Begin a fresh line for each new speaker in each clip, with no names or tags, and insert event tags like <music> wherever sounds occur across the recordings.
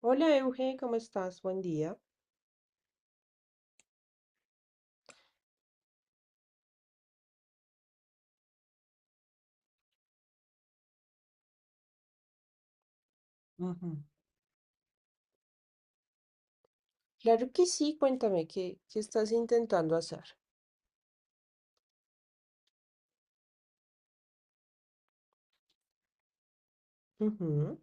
Hola Euge, ¿cómo estás? Buen día. Ujú. Claro que sí, cuéntame qué estás intentando hacer. Ujú.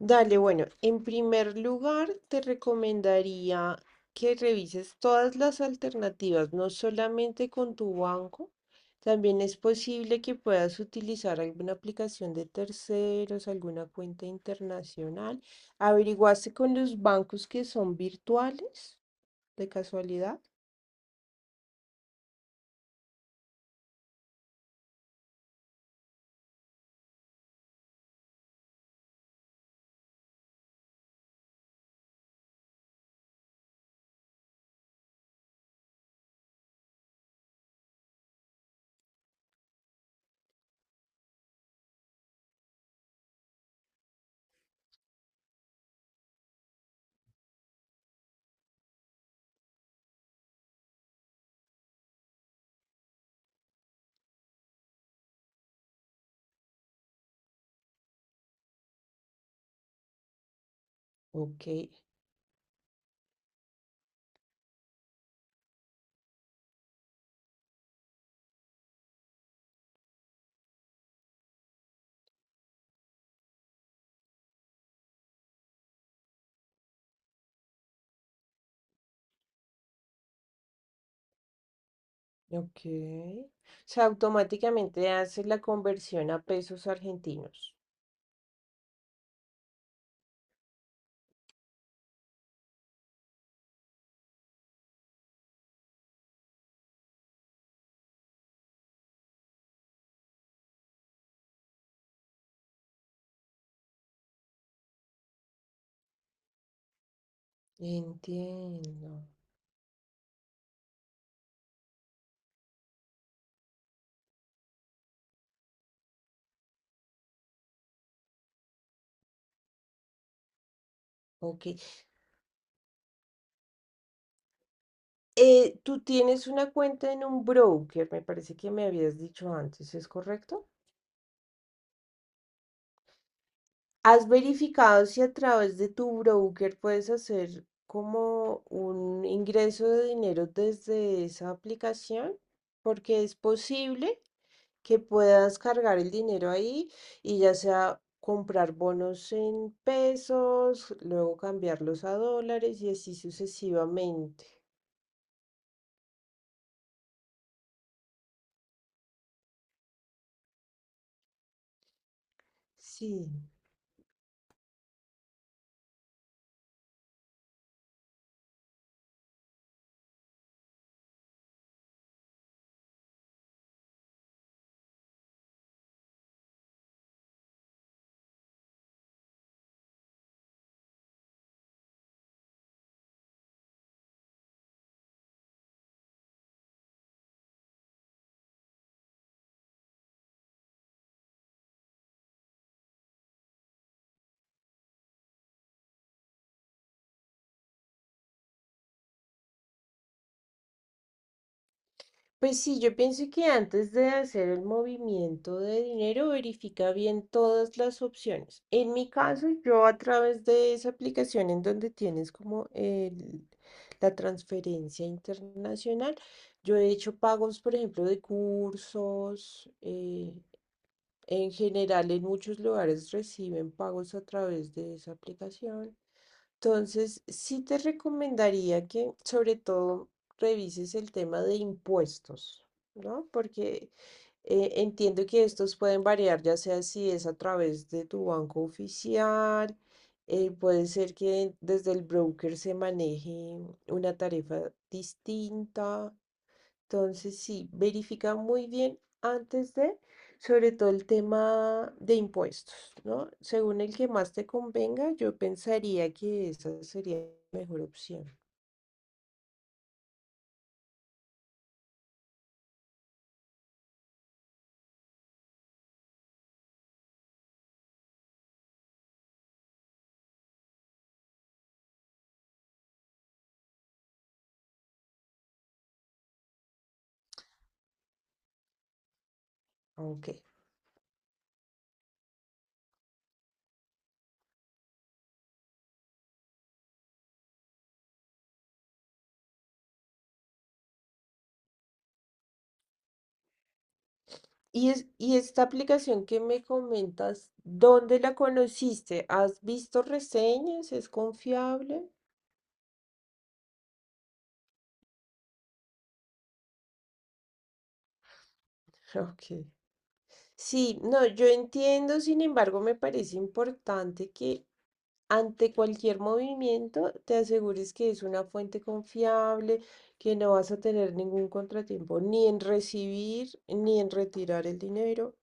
Dale, bueno, en primer lugar te recomendaría que revises todas las alternativas, no solamente con tu banco, también es posible que puedas utilizar alguna aplicación de terceros, alguna cuenta internacional. ¿Averiguaste con los bancos que son virtuales, de casualidad? Ok. Ok. O sea, automáticamente hace la conversión a pesos argentinos. Entiendo. Ok. Tú tienes una cuenta en un broker, me parece que me habías dicho antes, ¿es correcto? ¿Has verificado si a través de tu broker puedes hacer como un ingreso de dinero desde esa aplicación? Porque es posible que puedas cargar el dinero ahí y ya sea comprar bonos en pesos, luego cambiarlos a dólares y así sucesivamente. Sí. Pues sí, yo pienso que antes de hacer el movimiento de dinero, verifica bien todas las opciones. En mi caso, yo a través de esa aplicación en donde tienes como el- la transferencia internacional, yo he hecho pagos, por ejemplo, de cursos, en general, en muchos lugares reciben pagos a través de esa aplicación. Entonces, sí te recomendaría que sobre todo revises el tema de impuestos, ¿no? Porque entiendo que estos pueden variar, ya sea si es a través de tu banco oficial, puede ser que desde el broker se maneje una tarifa distinta. Entonces, sí, verifica muy bien antes de, sobre todo el tema de impuestos, ¿no? Según el que más te convenga, yo pensaría que esa sería la mejor opción. Ok. Y esta aplicación que me comentas, ¿dónde la conociste? ¿Has visto reseñas? ¿Es confiable? <laughs> Ok. Sí, no, yo entiendo, sin embargo, me parece importante que ante cualquier movimiento te asegures que es una fuente confiable, que no vas a tener ningún contratiempo, ni en recibir ni en retirar el dinero.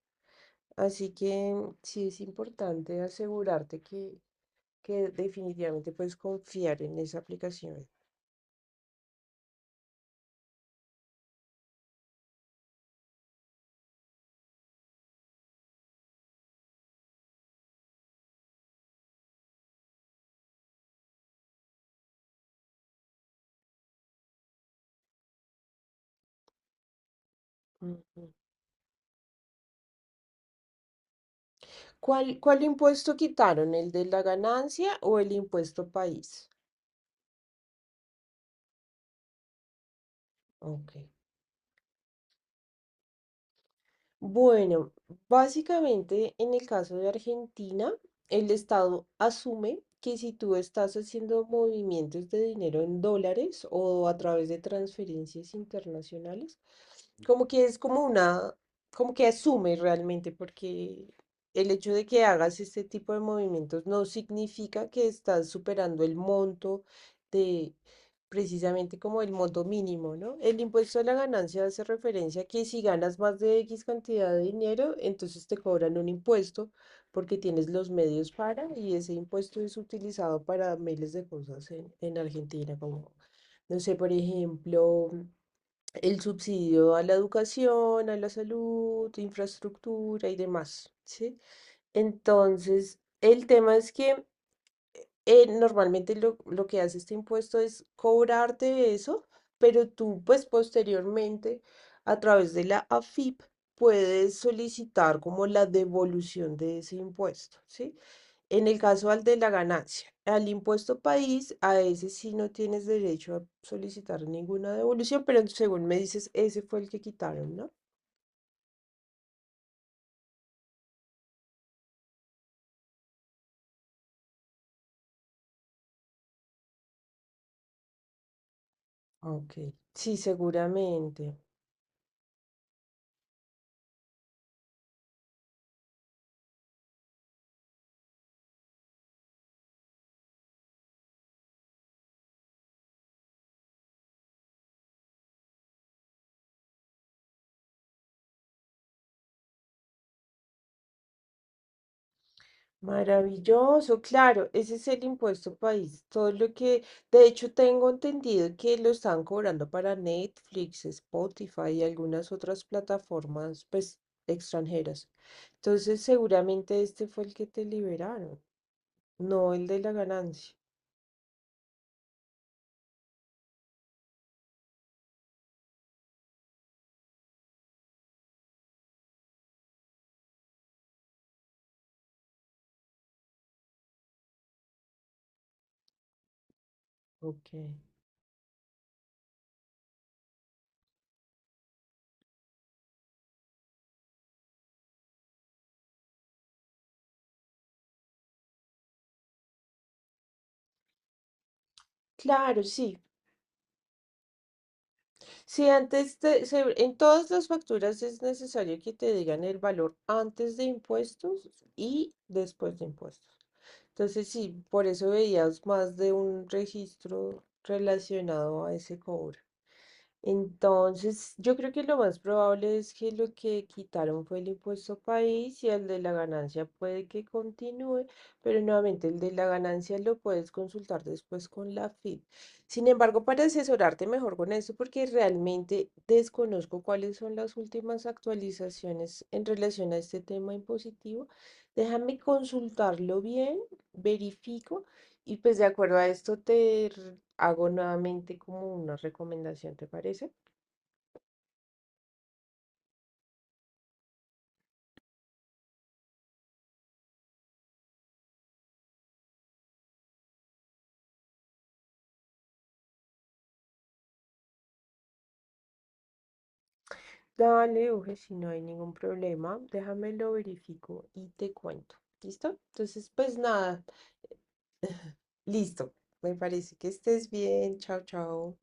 Así que sí es importante asegurarte que definitivamente puedes confiar en esa aplicación. Ujú. ¿Cuál impuesto quitaron? ¿El de la ganancia o el impuesto país? Ok. Bueno, básicamente en el caso de Argentina, el Estado asume que si tú estás haciendo movimientos de dinero en dólares o a través de transferencias internacionales, como que es como una, como que asume realmente, porque el hecho de que hagas este tipo de movimientos no significa que estás superando el monto precisamente como el monto mínimo, ¿no? El impuesto a la ganancia hace referencia a que si ganas más de X cantidad de dinero, entonces te cobran un impuesto porque tienes los medios para y ese impuesto es utilizado para miles de cosas en Argentina, como, no sé, por ejemplo, el subsidio a la educación, a la salud, infraestructura y demás, ¿sí? Entonces, el tema es que normalmente lo que hace este impuesto es cobrarte eso, pero tú pues posteriormente a través de la AFIP puedes solicitar como la devolución de ese impuesto, ¿sí? En el caso al de la ganancia, al impuesto país, a ese sí no tienes derecho a solicitar ninguna devolución, pero según me dices, ese fue el que quitaron, ¿no? Ok. Sí, seguramente. Maravilloso, claro, ese es el impuesto país. Todo lo que, de hecho, tengo entendido que lo están cobrando para Netflix, Spotify y algunas otras plataformas, pues, extranjeras. Entonces, seguramente este fue el que te liberaron, no el de la ganancia. Ok. Claro, sí. Si antes te- se- en todas las facturas es necesario que te digan el valor antes de impuestos y después de impuestos. Entonces, sí, por eso veías más de un registro relacionado a ese cobro. Entonces, yo creo que lo más probable es que lo que quitaron fue el impuesto país y el de la ganancia puede que continúe, pero nuevamente el de la ganancia lo puedes consultar después con la FIP. Sin embargo, para asesorarte mejor con esto, porque realmente desconozco cuáles son las últimas actualizaciones en relación a este tema impositivo, déjame consultarlo bien, verifico. Y pues de acuerdo a esto te r- hago nuevamente como una recomendación, ¿te parece? Dale, Uge, si no hay ningún problema, déjame lo verifico y te cuento. ¿Listo? Entonces, pues nada, <laughs> listo. Me parece que estés bien. Chao, chao.